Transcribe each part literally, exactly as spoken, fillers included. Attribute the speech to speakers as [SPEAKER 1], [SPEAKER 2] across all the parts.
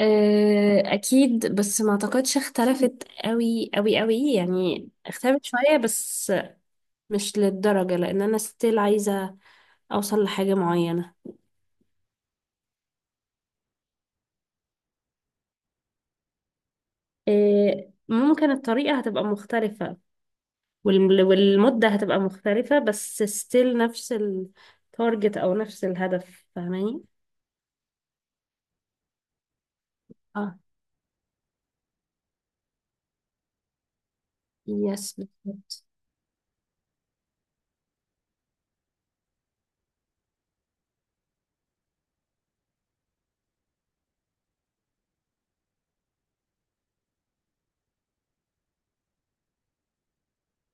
[SPEAKER 1] آه، اكيد. بس ما اعتقدش اختلفت قوي قوي قوي، يعني اختلفت شوية بس، مش للدرجة، لان انا ستيل عايزة اوصل لحاجة معينة. آه، ممكن الطريقة هتبقى مختلفة وال- والمدة هتبقى مختلفة، بس ستيل نفس التارجت او نفس الهدف، فاهماني؟ اه. يس. بالظبط.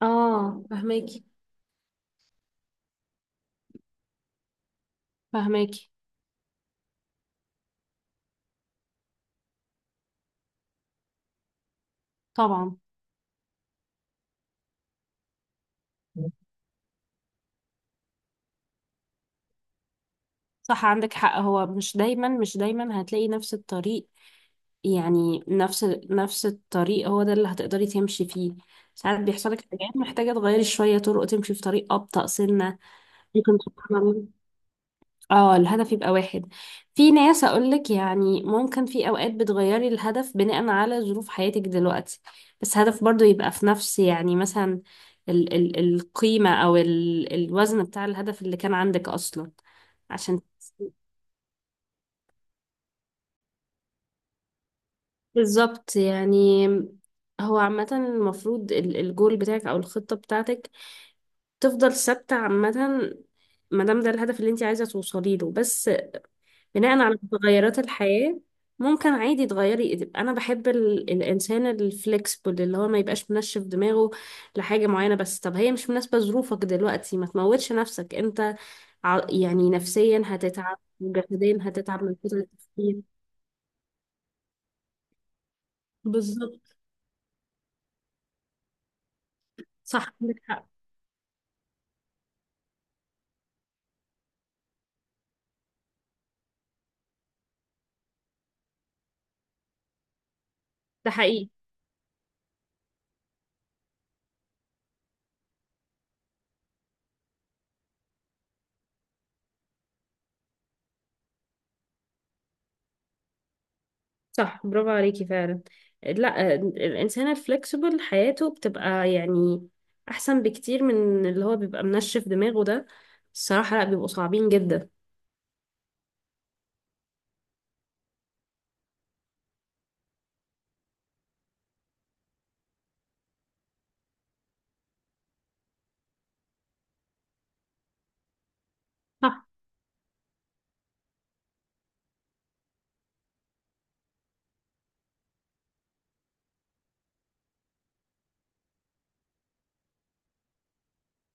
[SPEAKER 1] اه فهماكي، فهماكي. طبعا. صح، عندك حق. هو مش دايما، مش دايما هتلاقي نفس الطريق، يعني نفس نفس الطريق هو ده اللي هتقدري تمشي فيه. ساعات بيحصلك حاجات محتاجة تغيري شوية طرق، تمشي في طريق أبطأ سنة. ممكن. سبحان الله. اه الهدف يبقى واحد. في ناس أقولك يعني ممكن في أوقات بتغيري الهدف بناء على ظروف حياتك دلوقتي، بس هدف برضو يبقى في نفس، يعني مثلا ال ال القيمة، أو ال الوزن بتاع الهدف اللي كان عندك أصلا، عشان. بالظبط يعني. هو عامة المفروض ال- الجول بتاعك أو الخطة بتاعتك تفضل ثابتة عامة، ما دام ده الهدف اللي انت عايزة توصلي له، بس بناء على تغيرات الحياة ممكن عادي تغيري تبقى. أنا بحب ال... الإنسان الفلكسبل، اللي هو ما يبقاش منشف دماغه لحاجة معينة. بس طب هي مش مناسبة ظروفك دلوقتي، ما تموتش نفسك انت. ع- يعني نفسيا هتتعب، وجسديا هتتعب من كتر التفكير. بالظبط. صح عندك حق. ده حقيقي. صح، برافو عليكي فعلا. لا الإنسان الفلكسبل حياته بتبقى يعني أحسن بكتير من اللي هو بيبقى منشف دماغه ده. الصراحة لا، بيبقوا صعبين جدا. صح.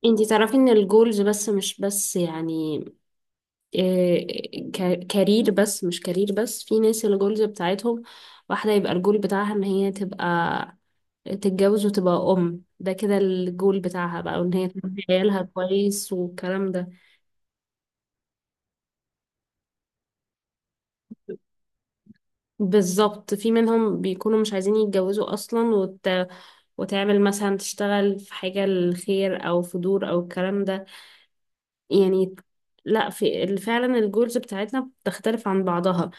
[SPEAKER 1] انتي تعرفي ان الجولز بس، مش بس يعني إيه ك- كارير، بس مش كارير بس. في ناس الجولز بتاعتهم واحدة، يبقى الجول بتاعها ان هي تبقى تتجوز وتبقى أم، ده كده الجول بتاعها بقى، وان هي تربي عيالها كويس والكلام ده. بالظبط. في منهم بيكونوا مش عايزين يتجوزوا أصلا، وت... وتعمل مثلا، تشتغل في حاجة للخير أو في دور أو الكلام ده يعني. لا في ال- فعلا الجولز بتاعتنا بتختلف عن بعضها.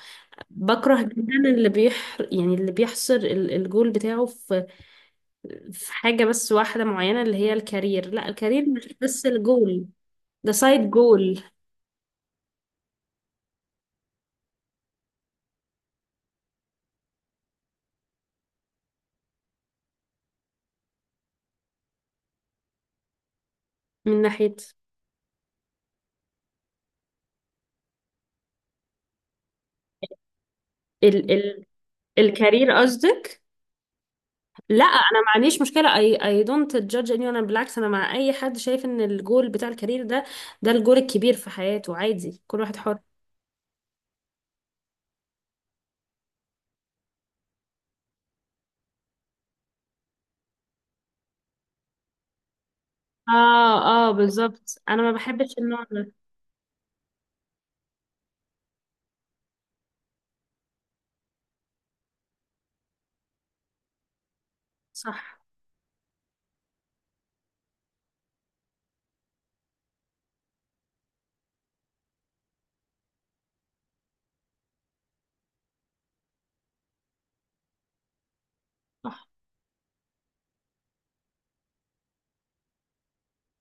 [SPEAKER 1] بكره جدا اللي بيح يعني اللي بيحصر ال- الجول بتاعه في في حاجة بس واحدة معينة، اللي هي الكارير. لا، الكارير مش بس الجول، ده سايد جول. من ناحية ال... ال... الكارير قصدك؟ لا، انا ما عنديش مشكله. اي اي دونت جادج. اني انا بالعكس انا مع اي حد شايف ان الجول بتاع الكارير ده، ده الجول الكبير في حياته. عادي، كل واحد حر. اه اه، بالظبط، انا ما بحبش النوع ده. صح. صح.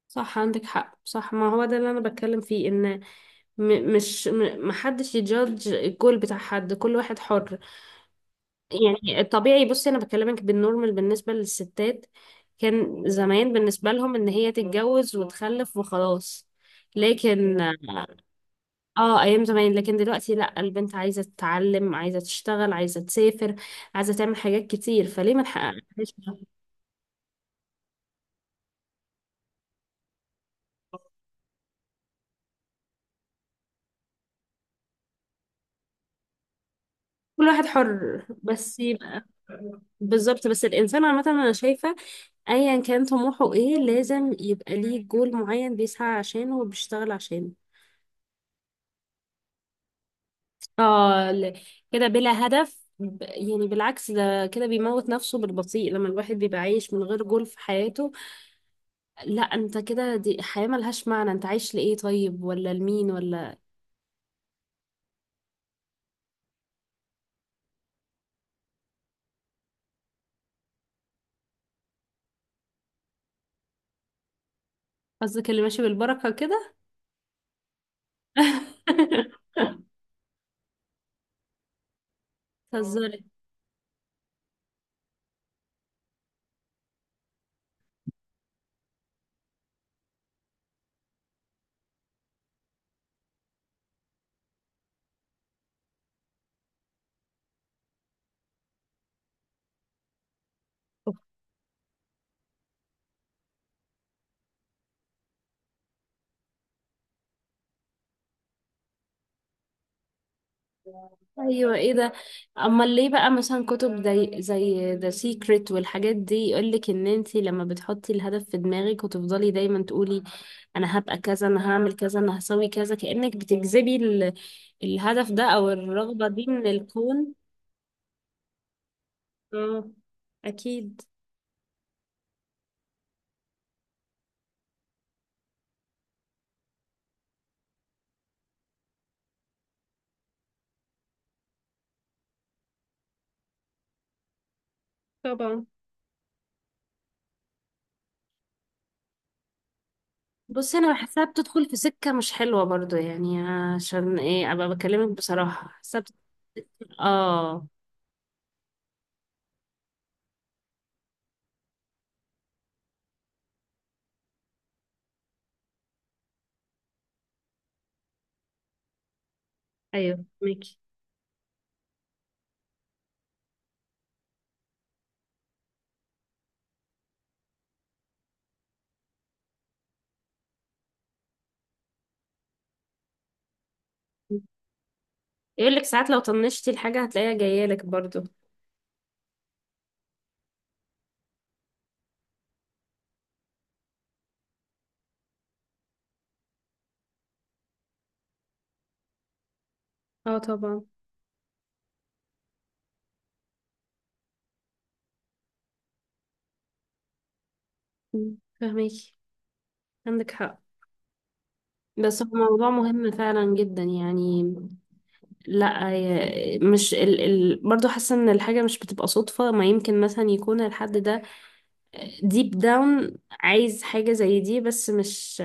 [SPEAKER 1] صح، عندك حق. صح، ما هو ده اللي انا بتكلم فيه، ان م مش م محدش يجادج الجول بتاع حد، كل واحد حر يعني. الطبيعي، بصي انا بكلمك بالنورمال بالنسبه للستات، كان زمان بالنسبه لهم ان هي تتجوز وتخلف وخلاص، لكن. اه، ايام زمان. لكن دلوقتي لا، البنت عايزه تتعلم، عايزه تشتغل، عايزه تسافر، عايزه تعمل حاجات كتير، فليه ما نحققهاش ده؟ كل واحد حر، بس يبقى. بالظبط. بس الانسان عامه انا شايفه ايا كان طموحه ايه لازم يبقى ليه جول معين بيسعى عشانه وبيشتغل عشانه. اه ل- كده بلا هدف، ب- يعني بالعكس، ده كده بيموت نفسه بالبطيء لما الواحد بيبقى عايش من غير جول في حياته. لا انت كده، دي حياة ملهاش معنى. انت عايش لإيه طيب، ولا لمين، ولا. قصدك اللي ماشي بالبركة كده. تهزري. ايوه ايه ده. امال ليه بقى مثلا كتب زي زي ذا سيكريت والحاجات دي، يقولك ان انتي لما بتحطي الهدف في دماغك وتفضلي دايما تقولي انا هبقى كذا، انا هعمل كذا، انا هسوي كذا، كأنك بتجذبي ال... الهدف ده او الرغبة دي من الكون. اه. اكيد. طبعا. بصي انا بحسها بتدخل في سكة مش حلوة برضو، يعني عشان ايه ابقى بكلمك بصراحة، حسها بت... اه. ايوه ميكي. يقول لك ساعات لو طنشتي الحاجة هتلاقيها جاية لك برضو. اه طبعا. مم، فهميكي. عندك حق. بس هو موضوع مهم فعلا جدا يعني. لا ي- مش ال... ال... برضو حاسة ان الحاجة مش بتبقى صدفة. ما يمكن مثلا يكون الحد ده ديب داون عايز حاجة زي دي، بس مش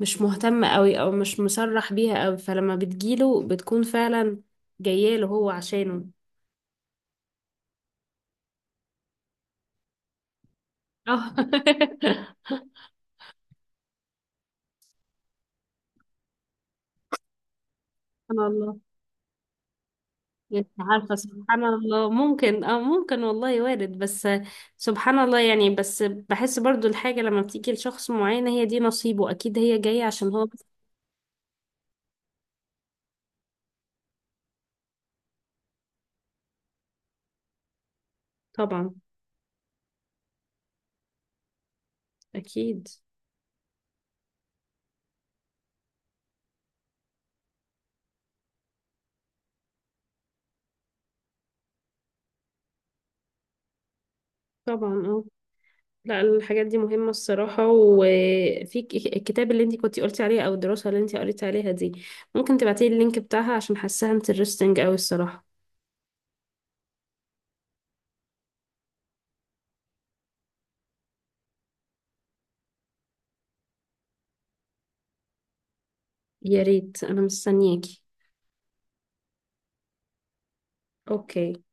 [SPEAKER 1] مش مهتم قوي، او مش مصرح بيها قوي، فلما بتجيله بتكون فعلا جاية له هو عشانه. اه. سبحان الله. مش عارفة، سبحان الله. ممكن، اه ممكن والله وارد. بس سبحان الله يعني. بس بحس برضو الحاجة لما بتيجي لشخص معين، هي دي نصيبه أكيد، هي جاية عشان هو بس- طبعا. أكيد. طبعا. اه. لا الحاجات دي مهمة الصراحة. وفي ك- الكتاب اللي انتي كنتي قلتي عليه، أو الدراسة اللي انتي قريتي عليها دي، ممكن تبعتيلي اللينك بتاعها؟ عشان حاساها انترستنج أوي الصراحة. يا ريت، أنا مستنياكي. أوكي.